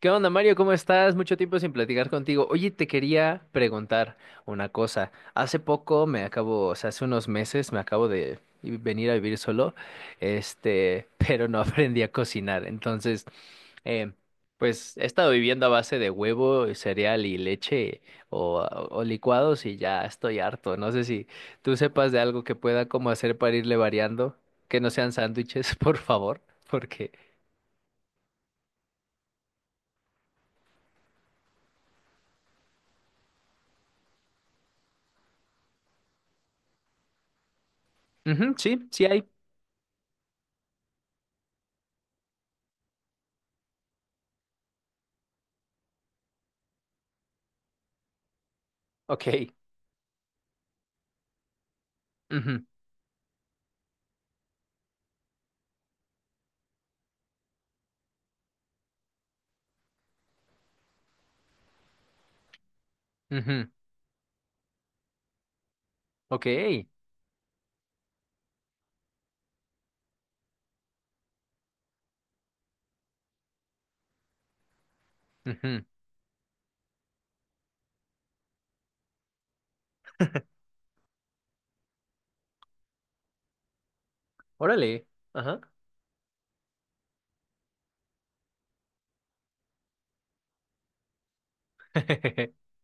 ¿Qué onda, Mario? ¿Cómo estás? Mucho tiempo sin platicar contigo. Oye, te quería preguntar una cosa. Hace poco me acabo, o sea, hace unos meses me acabo de venir a vivir solo, este, pero no aprendí a cocinar. Entonces, eh, pues he estado viviendo a base de huevo, cereal y leche o, o licuados y ya estoy harto. No sé si tú sepas de algo que pueda como hacer para irle variando, que no sean sándwiches, por favor, porque... Ujú, sí, sí hay. Ok. Ujú. Ujú. Ok. Ujú. Órale. Ajá.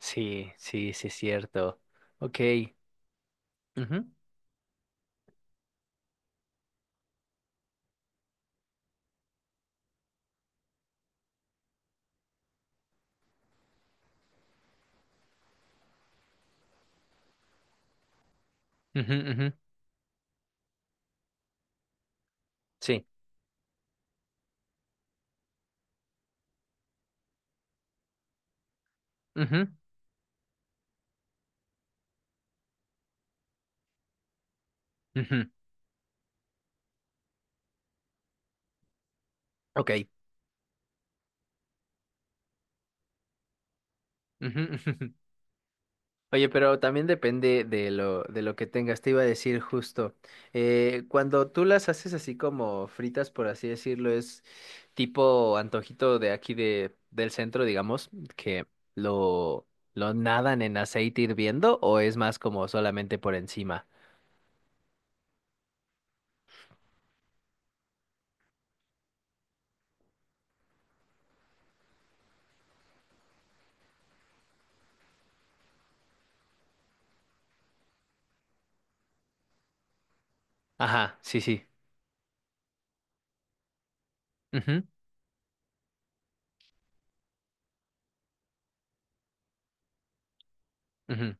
Sí, sí, sí, es cierto. Ok. Ujú, ujú, ujú. Sí. Ujú, ujú. Ok. Ujú. Ujú. Oye, pero también depende de lo que tengas. Te iba a decir justo. Cuando tú las haces así como fritas, por así decirlo, es tipo antojito de aquí del centro, digamos, que lo, lo nadan en aceite hirviendo, o es más como solamente por encima. Ajá, sí, sí. Ujú, ujú.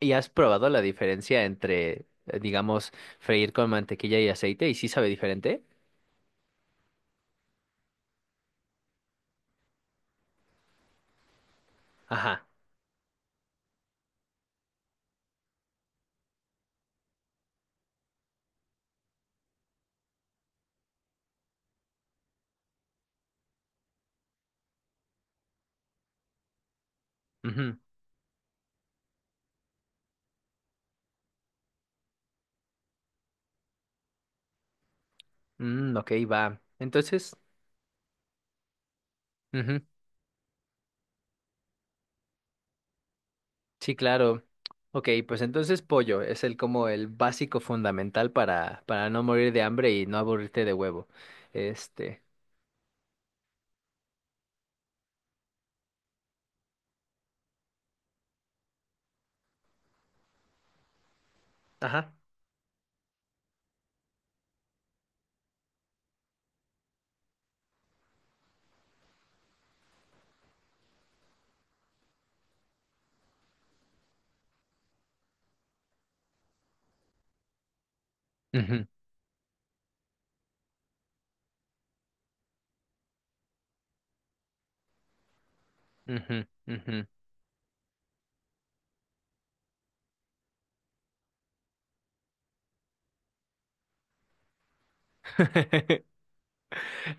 ¿Y has probado la diferencia entre, digamos, freír con mantequilla y aceite? ¿Y sí sabe diferente? Ajá. Ujú. Mm, ok, va. Entonces... Ujú. Sí, claro. Ok, pues entonces pollo es el como el básico fundamental para no morir de hambre y no aburrirte de huevo. Este. Ajá. Ujú, ujú, ujú.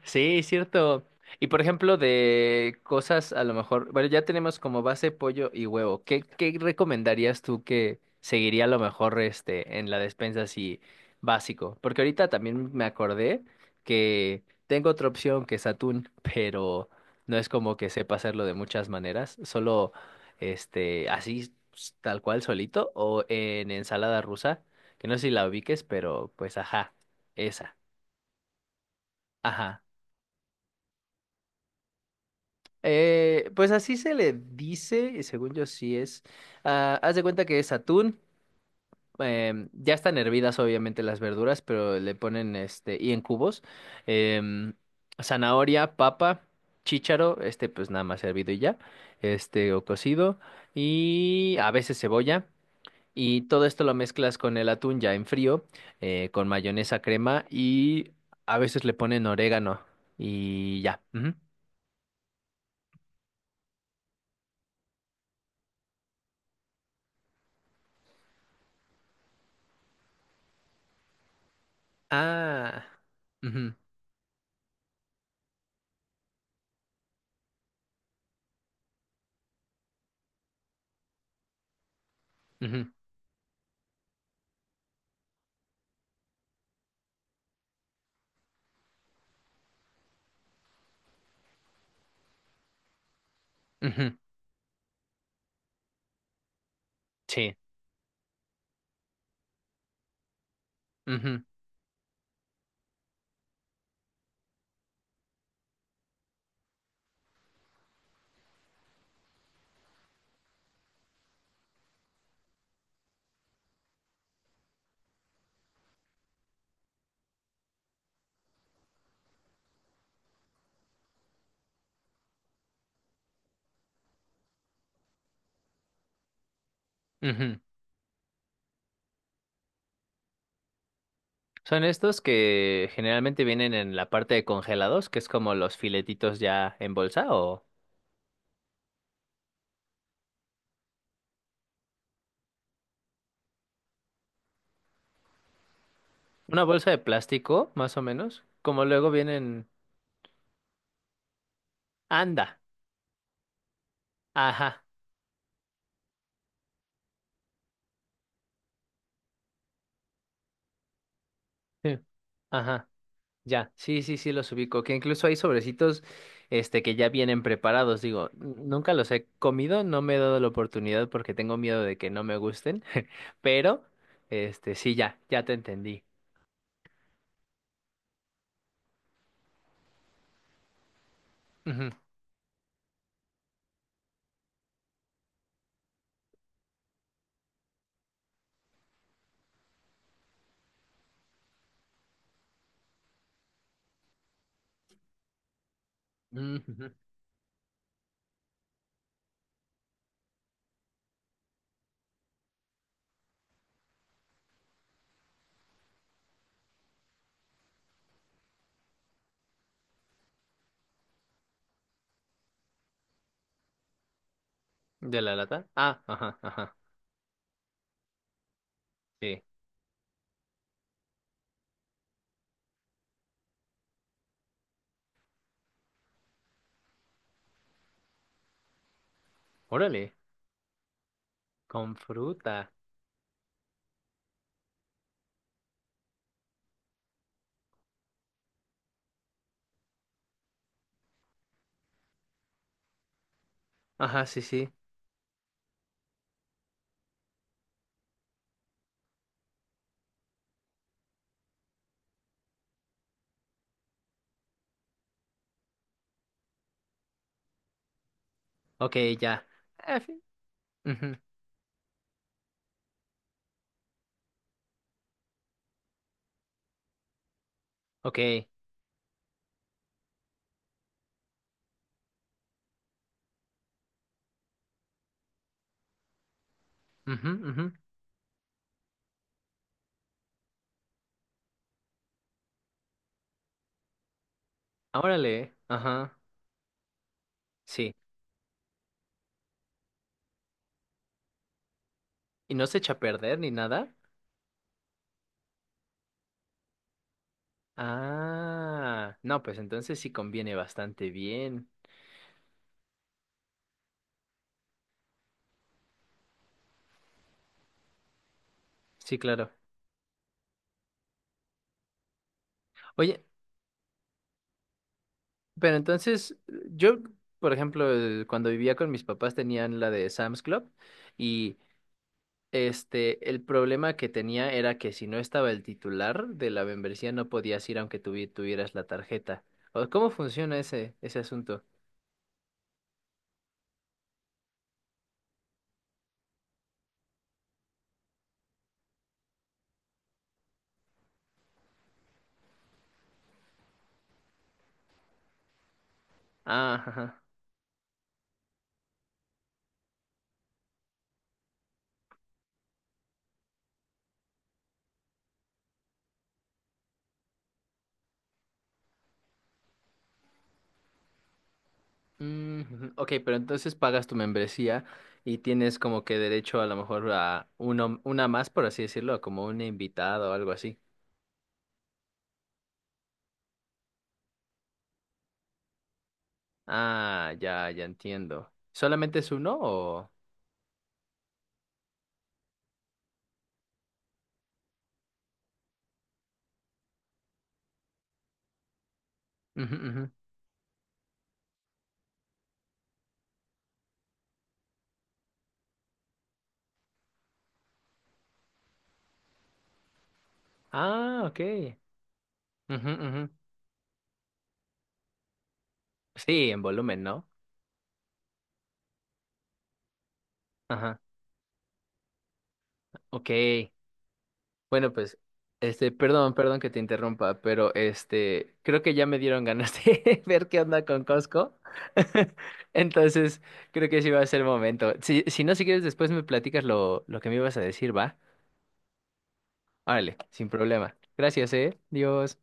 Sí, es cierto. Y por ejemplo, de cosas a lo mejor, bueno, ya tenemos como base pollo y huevo. ¿Qué recomendarías tú que seguiría a lo mejor en la despensa así básico? Porque ahorita también me acordé que tengo otra opción que es atún, pero no es como que sepa hacerlo de muchas maneras, solo así tal cual solito o en ensalada rusa, que no sé si la ubiques, pero pues ajá, esa. Ajá. Pues así se le dice, y según yo sí es. Ah, haz de cuenta que es atún. Ya están hervidas, obviamente, las verduras, pero le ponen y en cubos. em, Zanahoria, papa, chícharo, pues nada más hervido y ya. O cocido. Y a veces cebolla. Y todo esto lo mezclas con el atún ya en frío, con mayonesa, crema y a veces le ponen orégano. Y ya. Ujú. Ah. Ujú. Ujú, ujú. Sí. Ujú, ujú. Son estos que generalmente vienen en la parte de congelados, que es como los filetitos ya en bolsa o una bolsa de plástico, más o menos. Como luego vienen. Anda. Ajá. Sí. Ajá. Ya. Sí, sí, sí, los ubico. Que incluso hay sobrecitos, que ya vienen preparados. Digo, nunca los he comido, no me he dado la oportunidad porque tengo miedo de que no me gusten. Pero, sí, ya te entendí. Ujú, ujú. ¿De la lata? Ah, ajá, ajá. Sí. Órale, con fruta. Ajá, sí, sí. Ok, ya. Eh, fi- Ujú. Ok. Ujú, ujú. Órale, ajá. Sí. ¿Y no se echa a perder ni nada? Ah, no, pues entonces sí conviene bastante bien. Sí, claro. Oye, pero entonces yo, por ejemplo, cuando vivía con mis papás tenían la de Sam's Club y el problema que tenía era que si no estaba el titular de la membresía no podías ir aunque tuvieras la tarjeta. O, ¿cómo funciona ese asunto? Ah, ajá. Mm, ujú. Ok, pero entonces pagas tu membresía y tienes como que derecho a lo mejor a una más, por así decirlo, como un invitado o algo así. Ah, ya entiendo. ¿Solamente es uno o...? Ujú, ujú. Ah, ok. Ujú, ujú. Sí, en volumen, ¿no? Ajá. Ok. Bueno, pues, perdón, perdón que te interrumpa, pero creo que ya me dieron ganas de ver qué onda con Costco. Entonces, creo que sí va a ser el momento. Si no, si quieres, después me platicas lo que me ibas a decir, ¿va? Órale, sin problema. Gracias, eh. Dios.